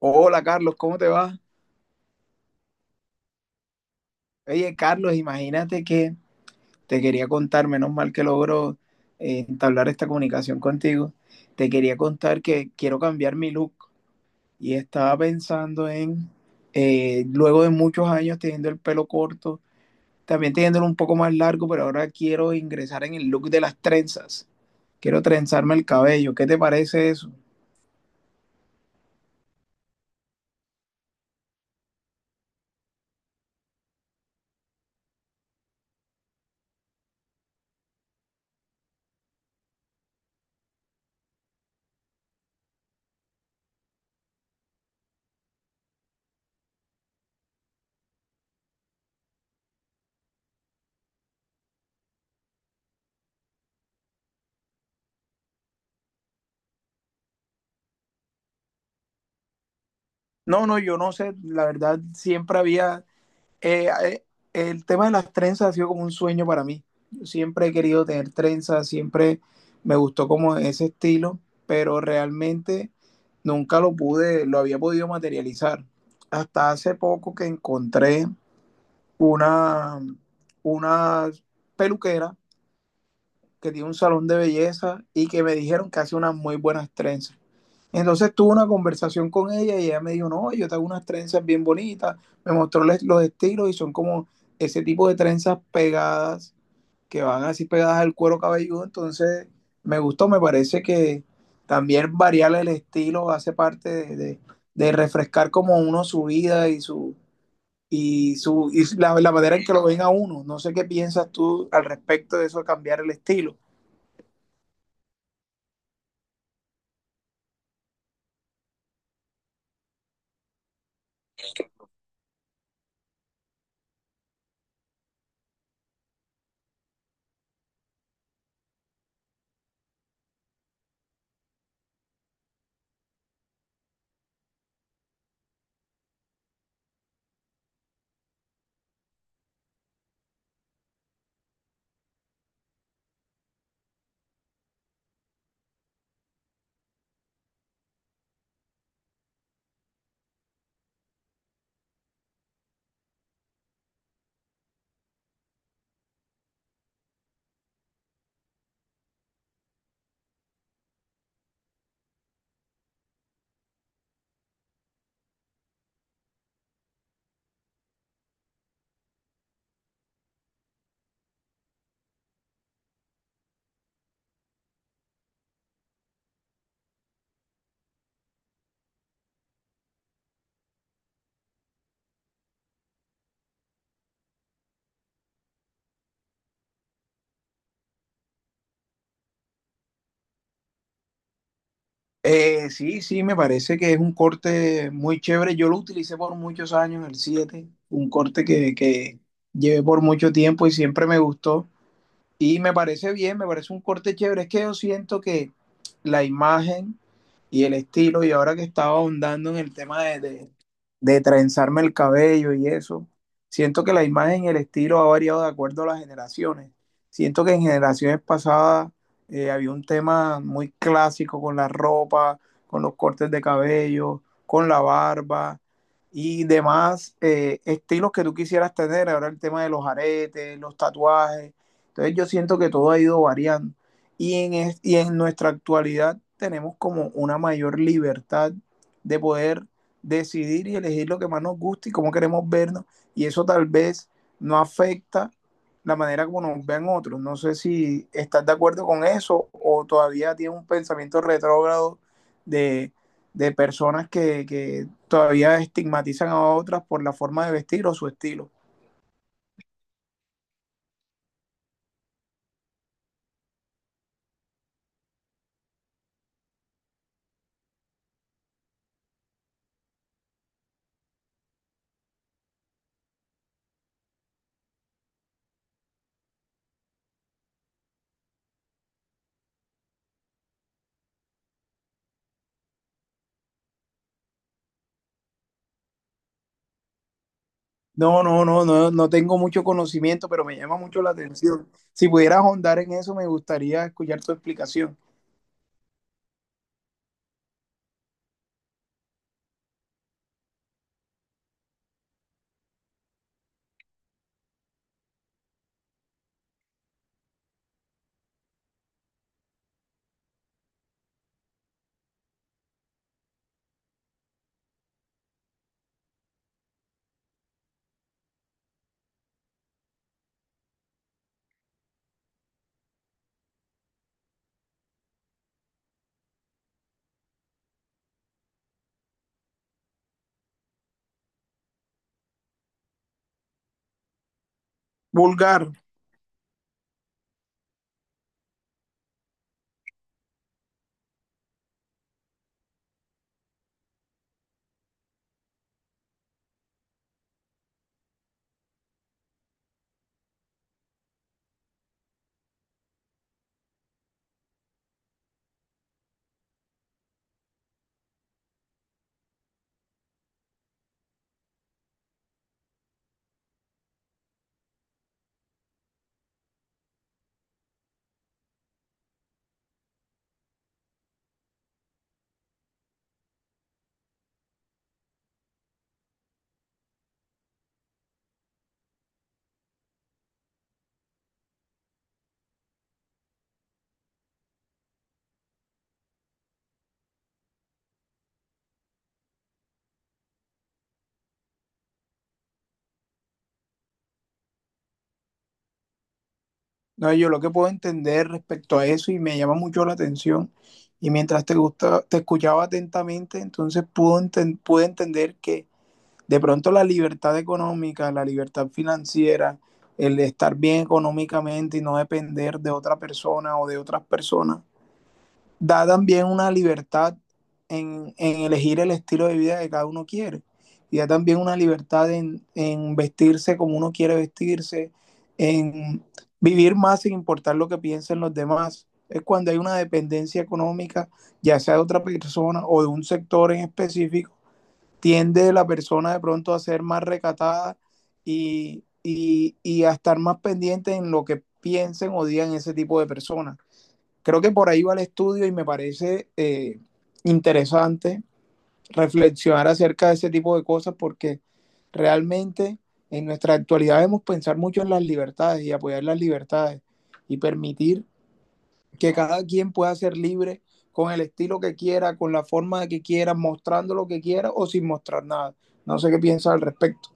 Hola Carlos, ¿cómo te va? Oye Carlos, imagínate que te quería contar, menos mal que logro entablar esta comunicación contigo. Te quería contar que quiero cambiar mi look y estaba pensando luego de muchos años teniendo el pelo corto, también teniéndolo un poco más largo, pero ahora quiero ingresar en el look de las trenzas, quiero trenzarme el cabello. ¿Qué te parece eso? No, no, yo no sé, la verdad siempre había Eh, eh, el tema de las trenzas ha sido como un sueño para mí. Yo siempre he querido tener trenzas, siempre me gustó como ese estilo, pero realmente nunca lo había podido materializar. Hasta hace poco que encontré una, una peluquera que tiene un salón de belleza y que me dijeron que hace unas muy buenas trenzas. Entonces tuve una conversación con ella y ella me dijo: no, yo tengo unas trenzas bien bonitas. Me mostró los estilos y son como ese tipo de trenzas pegadas, que van así pegadas al cuero cabelludo. Entonces me gustó, me parece que también variar el estilo hace parte de refrescar como uno su vida y la manera en que lo ven a uno. No sé qué piensas tú al respecto de eso, cambiar el estilo. Sí, me parece que es un corte muy chévere. Yo lo utilicé por muchos años, el 7, un corte que llevé por mucho tiempo y siempre me gustó. Y me parece bien, me parece un corte chévere. Es que yo siento que la imagen y el estilo, y ahora que estaba ahondando en el tema de trenzarme el cabello y eso, siento que la imagen y el estilo ha variado de acuerdo a las generaciones. Siento que en generaciones pasadas había un tema muy clásico con la ropa, con los cortes de cabello, con la barba y demás estilos que tú quisieras tener. Ahora el tema de los aretes, los tatuajes, entonces yo siento que todo ha ido variando y y en nuestra actualidad tenemos como una mayor libertad de poder decidir y elegir lo que más nos gusta y cómo queremos vernos, y eso tal vez no afecta la manera como nos ven otros. No sé si estás de acuerdo con eso o todavía tienes un pensamiento retrógrado de, de personas que todavía estigmatizan a otras por la forma de vestir o su estilo. No, no, no, no, no tengo mucho conocimiento, pero me llama mucho la atención. Si pudieras ahondar en eso, me gustaría escuchar tu explicación. Vulgar, no, yo lo que puedo entender respecto a eso y me llama mucho la atención. Y mientras te gusta, te escuchaba atentamente, entonces pude entender que de pronto la libertad económica, la libertad financiera, el estar bien económicamente y no depender de otra persona o de otras personas da también una libertad en elegir el estilo de vida que cada uno quiere. Y da también una libertad en vestirse como uno quiere vestirse, en vivir más sin importar lo que piensen los demás. Es cuando hay una dependencia económica, ya sea de otra persona o de un sector en específico, tiende la persona de pronto a ser más recatada y a estar más pendiente en lo que piensen o digan ese tipo de personas. Creo que por ahí va el estudio y me parece interesante reflexionar acerca de ese tipo de cosas porque realmente en nuestra actualidad debemos pensar mucho en las libertades y apoyar las libertades y permitir que cada quien pueda ser libre con el estilo que quiera, con la forma que quiera, mostrando lo que quiera o sin mostrar nada. No sé qué piensas al respecto.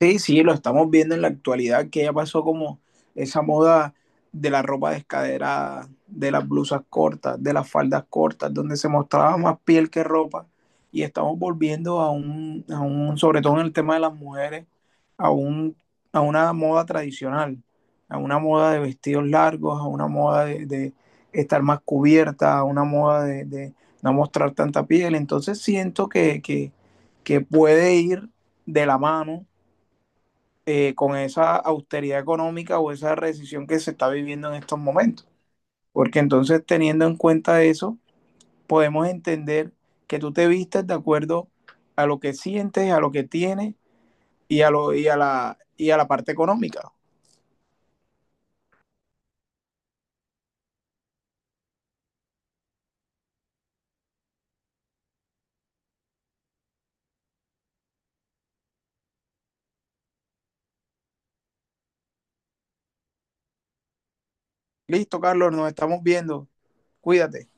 Sí, sí, lo estamos viendo en la actualidad, que ya pasó como esa moda de la ropa descaderada, de las blusas cortas, de las faldas cortas, donde se mostraba más piel que ropa. Y estamos volviendo a un, sobre todo en el tema de las mujeres, a a una moda tradicional, a una moda de vestidos largos, a una moda de estar más cubierta, a una moda de no mostrar tanta piel. Entonces siento que puede ir de la mano con esa austeridad económica o esa recesión que se está viviendo en estos momentos. Porque entonces teniendo en cuenta eso, podemos entender que tú te vistes de acuerdo a lo que sientes, a lo que tienes y a la parte económica. Listo, Carlos, nos estamos viendo. Cuídate.